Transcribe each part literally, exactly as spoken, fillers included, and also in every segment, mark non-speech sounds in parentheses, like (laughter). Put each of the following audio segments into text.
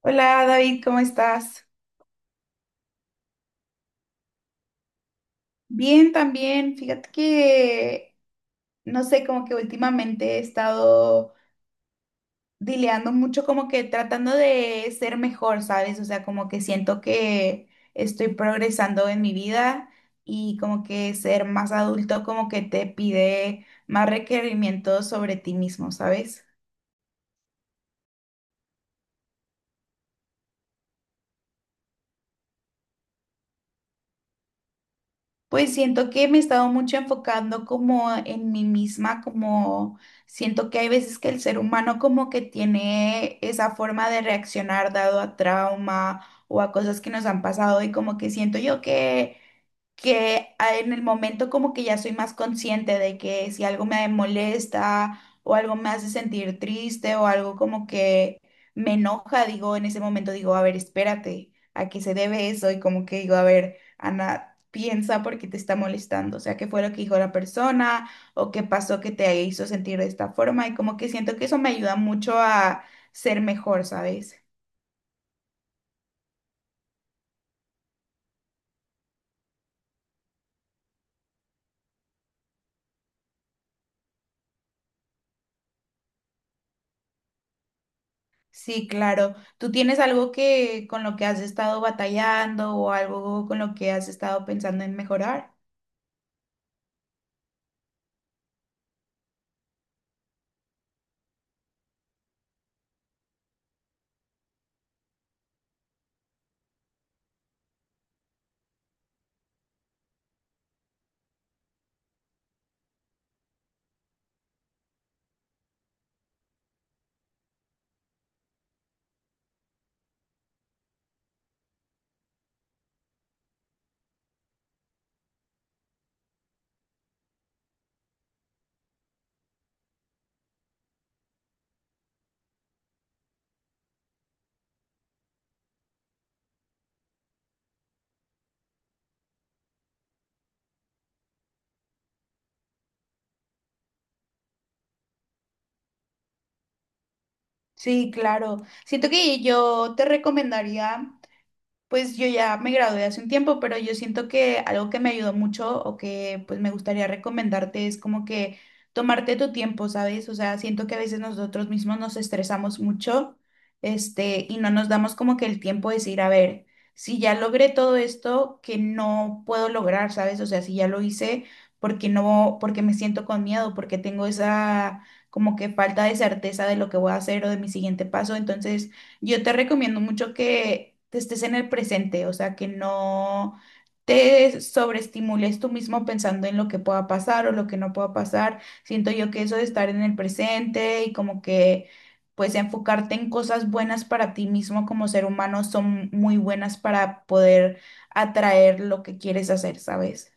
Hola David, ¿cómo estás? Bien también. Fíjate que, no sé, como que últimamente he estado dileando mucho, como que tratando de ser mejor, ¿sabes? O sea, como que siento que estoy progresando en mi vida y como que ser más adulto como que te pide más requerimientos sobre ti mismo, ¿sabes? Pues siento que me he estado mucho enfocando como en mí misma, como siento que hay veces que el ser humano como que tiene esa forma de reaccionar dado a trauma o a cosas que nos han pasado y como que siento yo que que a- en el momento como que ya soy más consciente de que si algo me molesta o algo me hace sentir triste o algo como que me enoja, digo, en ese momento digo, a ver, espérate, ¿a qué se debe eso? Y como que digo, a ver, Ana, piensa por qué te está molestando, o sea, qué fue lo que dijo la persona o qué pasó que te hizo sentir de esta forma y como que siento que eso me ayuda mucho a ser mejor, ¿sabes? Sí, claro. ¿Tú tienes algo que con lo que has estado batallando o algo con lo que has estado pensando en mejorar? Sí, claro. Siento que yo te recomendaría. Pues yo ya me gradué hace un tiempo, pero yo siento que algo que me ayudó mucho o que pues me gustaría recomendarte es como que tomarte tu tiempo, ¿sabes? O sea, siento que a veces nosotros mismos nos estresamos mucho, este, y no nos damos como que el tiempo de decir, a ver, si ya logré todo esto que no puedo lograr, ¿sabes? O sea, si ya lo hice, porque no, porque me siento con miedo, porque tengo esa como que falta de certeza de lo que voy a hacer o de mi siguiente paso, entonces yo te recomiendo mucho que te estés en el presente, o sea, que no te sobreestimules tú mismo pensando en lo que pueda pasar o lo que no pueda pasar. Siento yo que eso de estar en el presente y como que pues enfocarte en cosas buenas para ti mismo como ser humano son muy buenas para poder atraer lo que quieres hacer, ¿sabes?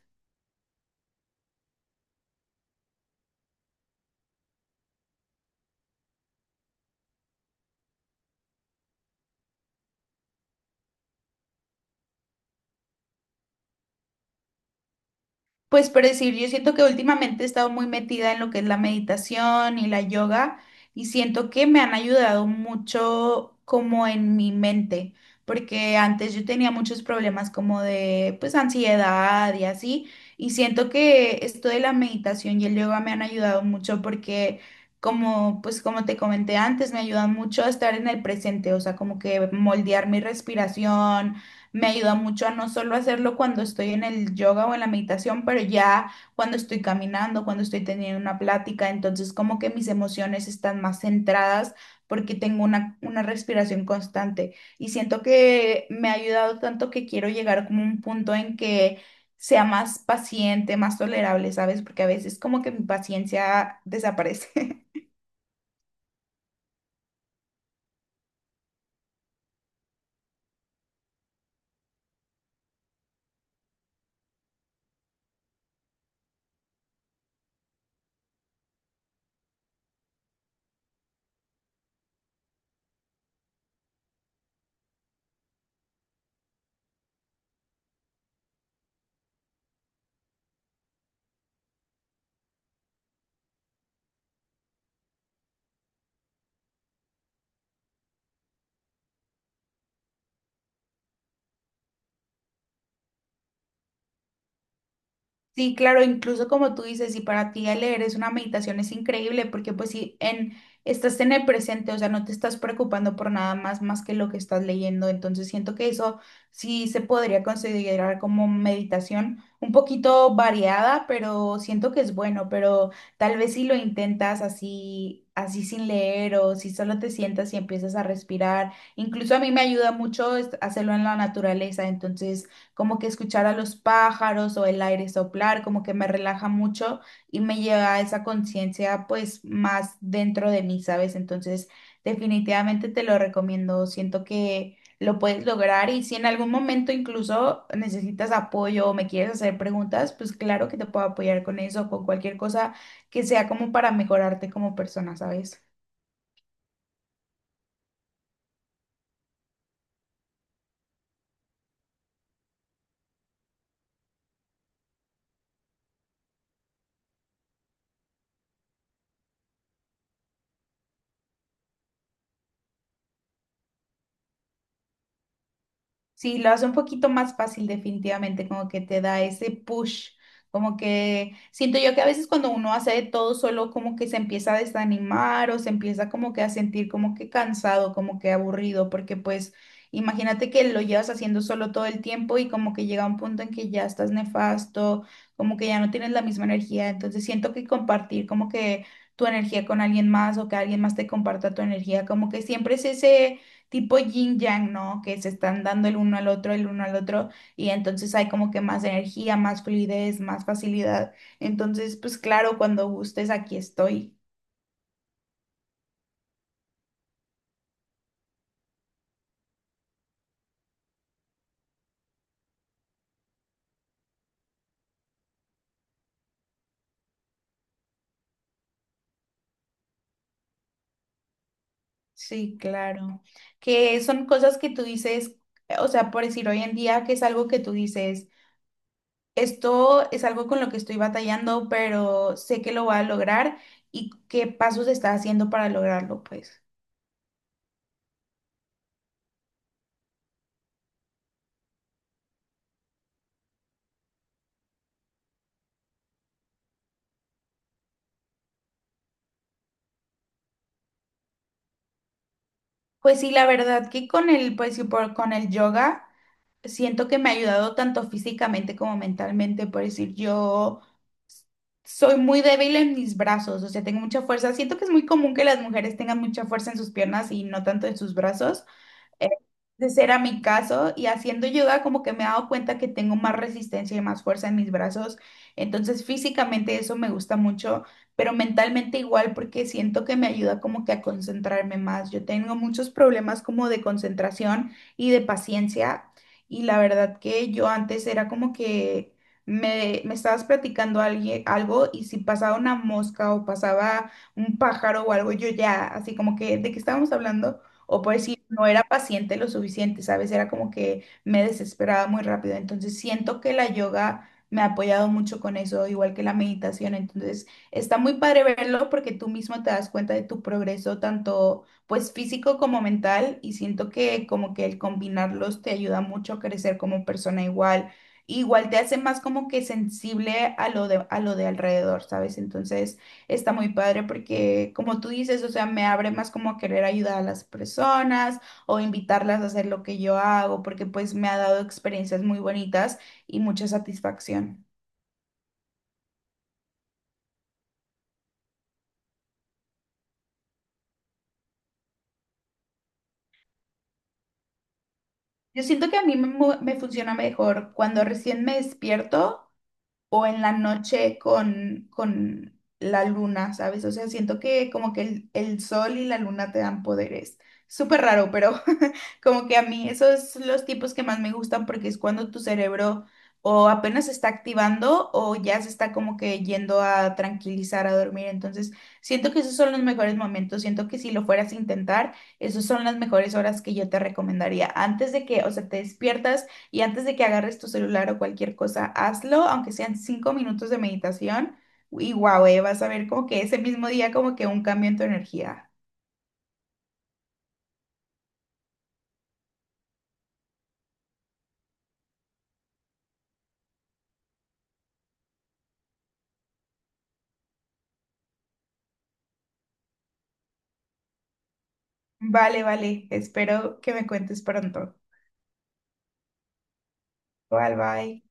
Pues por decir, yo siento que últimamente he estado muy metida en lo que es la meditación y la yoga y siento que me han ayudado mucho como en mi mente, porque antes yo tenía muchos problemas como de pues ansiedad y así, y siento que esto de la meditación y el yoga me han ayudado mucho porque como pues como te comenté antes, me ayudan mucho a estar en el presente, o sea, como que moldear mi respiración me ayuda mucho a no solo hacerlo cuando estoy en el yoga o en la meditación, pero ya cuando estoy caminando, cuando estoy teniendo una plática, entonces como que mis emociones están más centradas porque tengo una, una respiración constante y siento que me ha ayudado tanto que quiero llegar como a un punto en que sea más paciente, más tolerable, ¿sabes? Porque a veces como que mi paciencia desaparece. (laughs) Sí, claro, incluso como tú dices, si para ti el leer es una meditación es increíble, porque pues si en, estás en el presente, o sea, no te estás preocupando por nada más más que lo que estás leyendo, entonces siento que eso sí se podría considerar como meditación un poquito variada, pero siento que es bueno, pero tal vez si lo intentas así, así sin leer o si solo te sientas y empiezas a respirar, incluso a mí me ayuda mucho es- hacerlo en la naturaleza, entonces como que escuchar a los pájaros o el aire soplar, como que me relaja mucho y me lleva a esa conciencia pues más dentro de mí, ¿sabes? Entonces, definitivamente te lo recomiendo, siento que lo puedes lograr y si en algún momento incluso necesitas apoyo o me quieres hacer preguntas, pues claro que te puedo apoyar con eso, con cualquier cosa que sea como para mejorarte como persona, ¿sabes? Sí, lo hace un poquito más fácil definitivamente, como que te da ese push, como que siento yo que a veces cuando uno hace de todo solo como que se empieza a desanimar o se empieza como que a sentir como que cansado, como que aburrido, porque pues imagínate que lo llevas haciendo solo todo el tiempo y como que llega un punto en que ya estás nefasto, como que ya no tienes la misma energía, entonces siento que compartir como que tu energía con alguien más o que alguien más te comparta tu energía, como que siempre es ese tipo yin yang, ¿no? Que se están dando el uno al otro, el uno al otro, y entonces hay como que más energía, más fluidez, más facilidad. Entonces, pues claro, cuando gustes, aquí estoy. Sí, claro. Que son cosas que tú dices, o sea, por decir hoy en día, que es algo que tú dices, esto es algo con lo que estoy batallando, pero sé que lo voy a lograr y qué pasos está haciendo para lograrlo, pues. Pues sí, la verdad que con el, pues sí, por, con el yoga. Siento que me ha ayudado tanto físicamente como mentalmente, por decir, yo soy muy débil en mis brazos, o sea, tengo mucha fuerza. Siento que es muy común que las mujeres tengan mucha fuerza en sus piernas y no tanto en sus brazos, eh, ese era mi caso y haciendo yoga como que me he dado cuenta que tengo más resistencia y más fuerza en mis brazos. Entonces físicamente eso me gusta mucho, pero mentalmente igual porque siento que me ayuda como que a concentrarme más. Yo tengo muchos problemas como de concentración y de paciencia y la verdad que yo antes era como que me, me estabas platicando alguien, algo y si pasaba una mosca o pasaba un pájaro o algo, yo ya así como que de qué estábamos hablando. O por decir, no era paciente lo suficiente, ¿sabes? Era como que me desesperaba muy rápido. Entonces siento que la yoga me ha apoyado mucho con eso, igual que la meditación. Entonces está muy padre verlo porque tú mismo te das cuenta de tu progreso, tanto pues físico como mental. Y siento que como que el combinarlos te ayuda mucho a crecer como persona igual. Igual te hace más como que sensible a lo de, a lo de alrededor, ¿sabes? Entonces... Está muy padre porque, como tú dices, o sea, me abre más como a querer ayudar a las personas o invitarlas a hacer lo que yo hago, porque pues me ha dado experiencias muy bonitas y mucha satisfacción. Yo siento que a mí me, mu- me funciona mejor cuando recién me despierto, o en la noche con, con la luna, ¿sabes? O sea, siento que como que el, el sol y la luna te dan poderes. Súper raro, pero (laughs) como que a mí esos son los tipos que más me gustan porque es cuando tu cerebro o apenas se está activando o ya se está como que yendo a tranquilizar, a dormir. Entonces, siento que esos son los mejores momentos. Siento que si lo fueras a intentar, esas son las mejores horas que yo te recomendaría. Antes de que, o sea, te despiertas. Y antes de que agarres tu celular o cualquier cosa, hazlo, aunque sean cinco minutos de meditación. Y guau, eh, vas a ver como que ese mismo día como que un cambio en tu energía. Vale, vale. Espero que me cuentes pronto. Bye, bye.